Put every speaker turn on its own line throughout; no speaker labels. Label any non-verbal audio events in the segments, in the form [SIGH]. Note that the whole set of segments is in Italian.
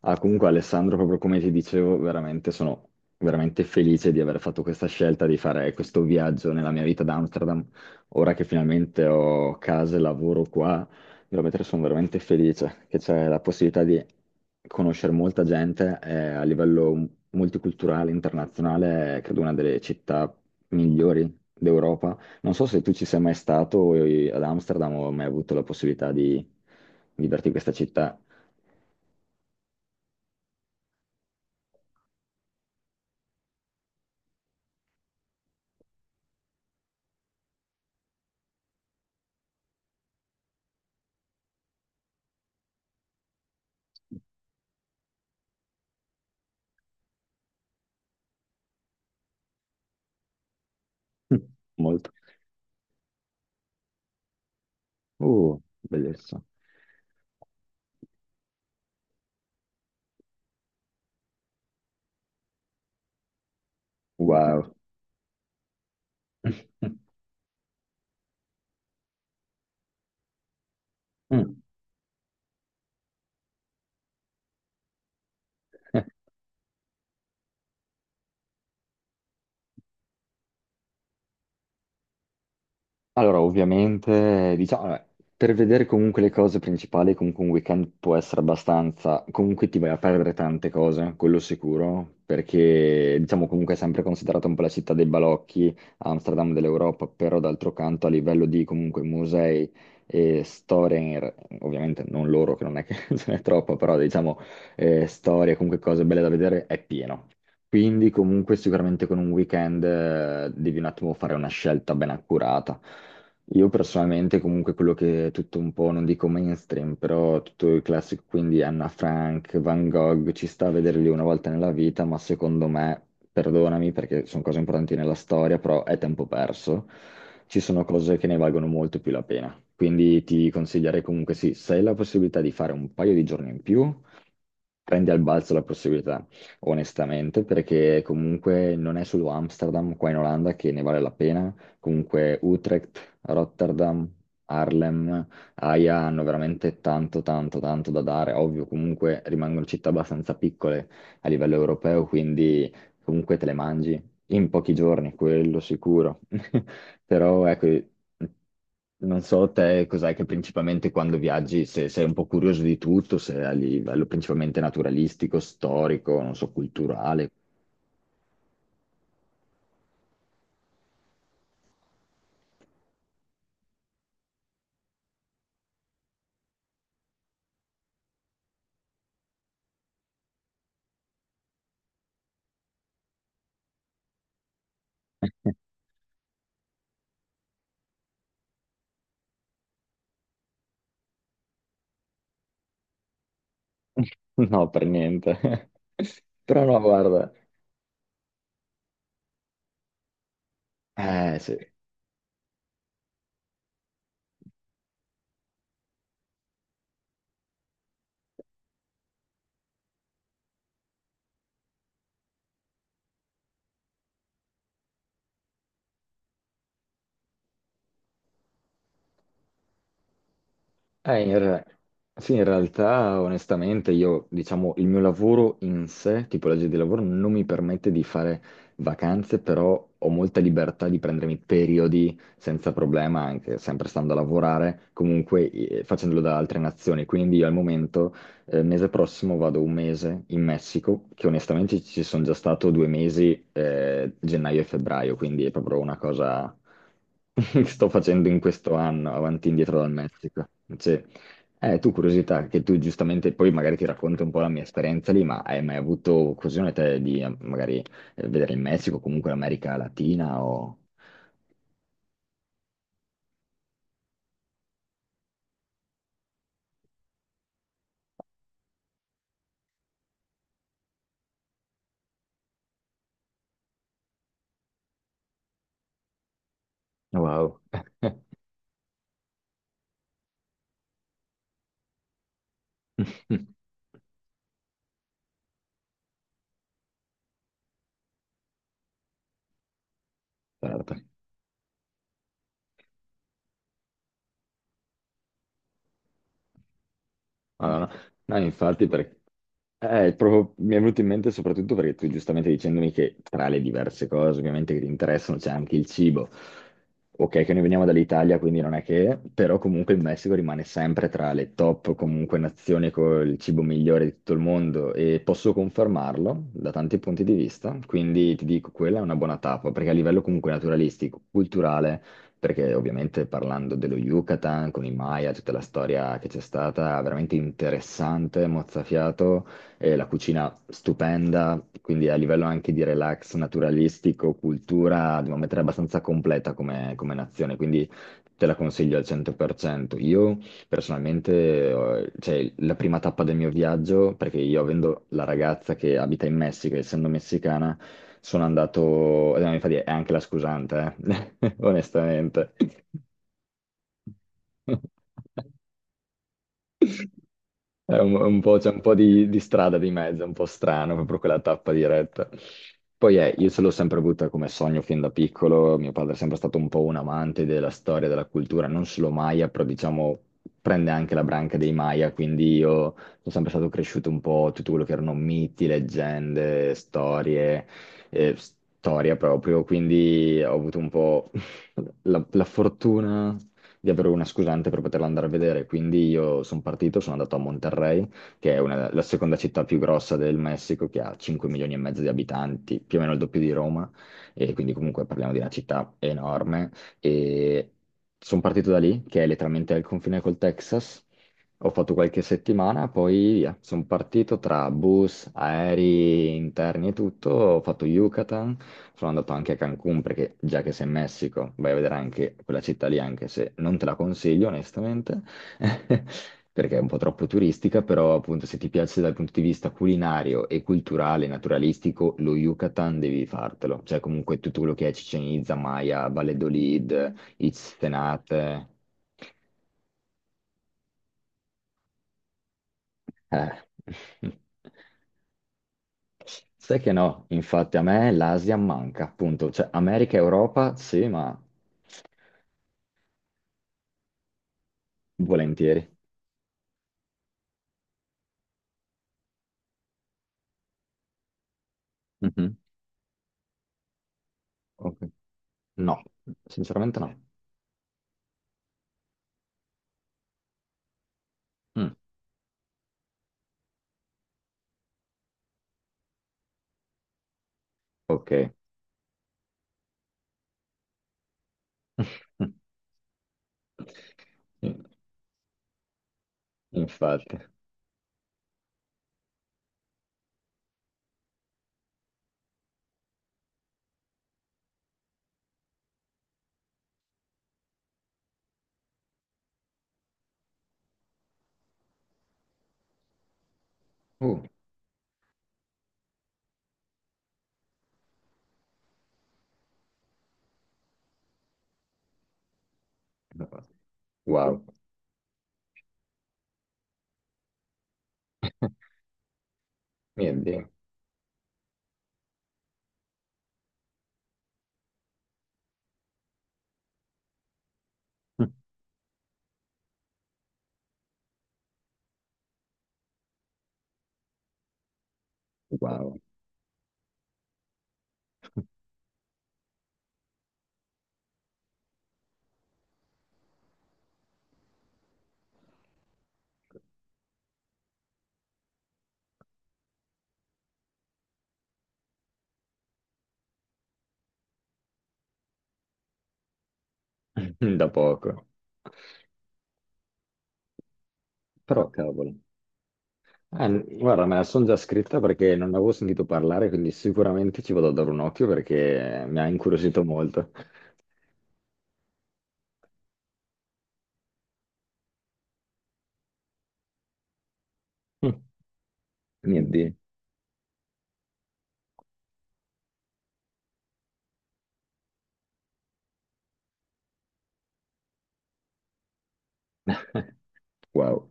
Ah, comunque Alessandro, proprio come ti dicevo, veramente sono veramente felice di aver fatto questa scelta di fare questo viaggio nella mia vita ad Amsterdam. Ora che finalmente ho casa e lavoro qua, veramente sono veramente felice che c'è la possibilità di conoscere molta gente e a livello multiculturale, internazionale, è, credo una delle città migliori d'Europa. Non so se tu ci sei mai stato ad Amsterdam o hai mai avuto la possibilità di viverti in questa città. [LAUGHS] Molto. Uh, bellezza. Wow. [LAUGHS] Mm. Allora, ovviamente, diciamo, vabbè, per vedere comunque le cose principali, comunque un weekend può essere abbastanza, comunque ti vai a perdere tante cose, quello sicuro, perché diciamo comunque è sempre considerata un po' la città dei balocchi, Amsterdam dell'Europa, però d'altro canto a livello di comunque musei e storie, ovviamente non loro, che non è che [LAUGHS] ce n'è troppo, però diciamo storie, comunque cose belle da vedere, è pieno. Quindi comunque sicuramente con un weekend devi un attimo fare una scelta ben accurata. Io personalmente comunque quello che è tutto un po', non dico mainstream, però tutto il classico, quindi Anna Frank, Van Gogh, ci sta a vederli una volta nella vita, ma secondo me, perdonami perché sono cose importanti nella storia, però è tempo perso. Ci sono cose che ne valgono molto più la pena. Quindi ti consiglierei comunque sì, se hai la possibilità di fare un paio di giorni in più prendi al balzo la possibilità, onestamente, perché comunque non è solo Amsterdam qua in Olanda che ne vale la pena, comunque Utrecht, Rotterdam, Harlem, Haia hanno veramente tanto, tanto, tanto da dare. Ovvio, comunque rimangono città abbastanza piccole a livello europeo, quindi comunque te le mangi in pochi giorni, quello sicuro. [LAUGHS] Però ecco, non so te cos'è che principalmente quando viaggi, se sei un po' curioso di tutto, se a livello principalmente naturalistico, storico, non so, culturale. [LAUGHS] No, per niente. [LAUGHS] Però no, guarda. Eh sì. Eh, in re- sì, in realtà, onestamente, io, diciamo, il mio lavoro in sé, tipologia di lavoro, non mi permette di fare vacanze, però ho molta libertà di prendermi periodi senza problema, anche sempre stando a lavorare, comunque facendolo da altre nazioni. Quindi io al momento mese prossimo vado un mese in Messico, che onestamente ci sono già stato due mesi, gennaio e febbraio, quindi è proprio una cosa [LAUGHS] che sto facendo in questo anno, avanti e indietro dal Messico. Cioè, tu curiosità, che tu giustamente poi magari ti racconti un po' la mia esperienza lì, ma hai mai avuto occasione te di magari vedere il Messico, comunque l'America Latina o... Wow. [LAUGHS] Certo. Ah, no, no, no, infatti perché... proprio- mi è venuto in mente soprattutto perché tu giustamente dicendomi che tra le diverse cose ovviamente che ti interessano c'è anche il cibo. Ok, che noi veniamo dall'Italia, quindi non è che, però comunque il Messico rimane sempre tra le top comunque nazioni con il cibo migliore di tutto il mondo e posso confermarlo da tanti punti di vista, quindi ti dico quella è una buona tappa perché a livello comunque naturalistico, culturale, perché ovviamente parlando dello Yucatan con i Maya, tutta la storia che c'è stata, veramente interessante, mozzafiato la cucina stupenda, quindi a livello anche di relax naturalistico, cultura, dobbiamo mettere abbastanza completa come, nazione, quindi te la consiglio al 100%. Io personalmente, cioè, la prima tappa del mio viaggio, perché io avendo la ragazza che abita in Messico, essendo messicana, sono andato, infatti è anche la scusante, [LAUGHS] onestamente. [LAUGHS] È un po', c'è un po' di strada di mezzo, è un po' strano, proprio quella tappa diretta. Poi io ce l'ho sempre avuta come sogno fin da piccolo, mio padre è sempre stato un po' un amante della storia, della cultura, non solo Maya, però diciamo prende anche la branca dei Maya, quindi io sono sempre stato cresciuto un po' tutto quello che erano miti, leggende, storie, storia proprio, quindi ho avuto un po' [LAUGHS] la fortuna di avere una scusante per poterla andare a vedere. Quindi io sono partito, sono andato a Monterrey, la seconda città più grossa del Messico, che ha 5 milioni e mezzo di abitanti, più o meno il doppio di Roma, e quindi comunque parliamo di una città enorme. E sono partito da lì, che è letteralmente al confine col Texas. Ho fatto qualche settimana, poi via. Sono partito tra bus, aerei interni e tutto. Ho fatto Yucatan, sono andato anche a Cancun perché già che sei in Messico vai a vedere anche quella città lì, anche se non te la consiglio onestamente, [LAUGHS] perché è un po' troppo turistica, però appunto se ti piace dal punto di vista culinario e culturale, naturalistico, lo Yucatan devi fartelo. Cioè comunque tutto quello che è Chichen Itza, Maya, Valladolid, Itzenate. Eh. [LAUGHS] Sai che no, infatti a me l'Asia manca, appunto, cioè America e Europa sì, ma volentieri. Mhm. Ok. No, sinceramente no. Mm, ok. [LAUGHS] In- Infatti. Uh, wow, mio Dio. Wow, [LAUGHS] da poco. Però cavolo. Guarda, me la sono già scritta perché non ne avevo sentito parlare, quindi sicuramente ci vado a dare un occhio perché mi ha incuriosito molto. [LAUGHS] Niente. Wow.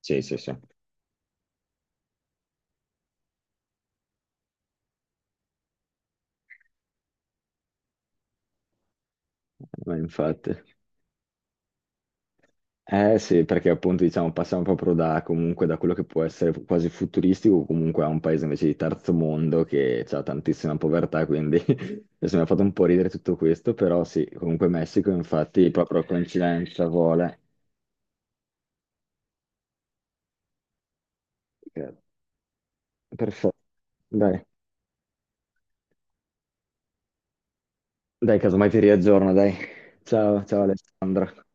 Sì, sì, sì. Ma infatti. Eh sì, perché appunto diciamo passiamo proprio da, comunque, da quello che può essere quasi futuristico, comunque a un paese invece di terzo mondo che ha tantissima povertà, quindi [LAUGHS] adesso mi ha fatto un po' ridere tutto questo, però sì, comunque Messico infatti proprio a coincidenza vuole. Eh, Perfetto, dai, dai, casomai ti riaggiorno, dai. Ciao, ciao Alessandro.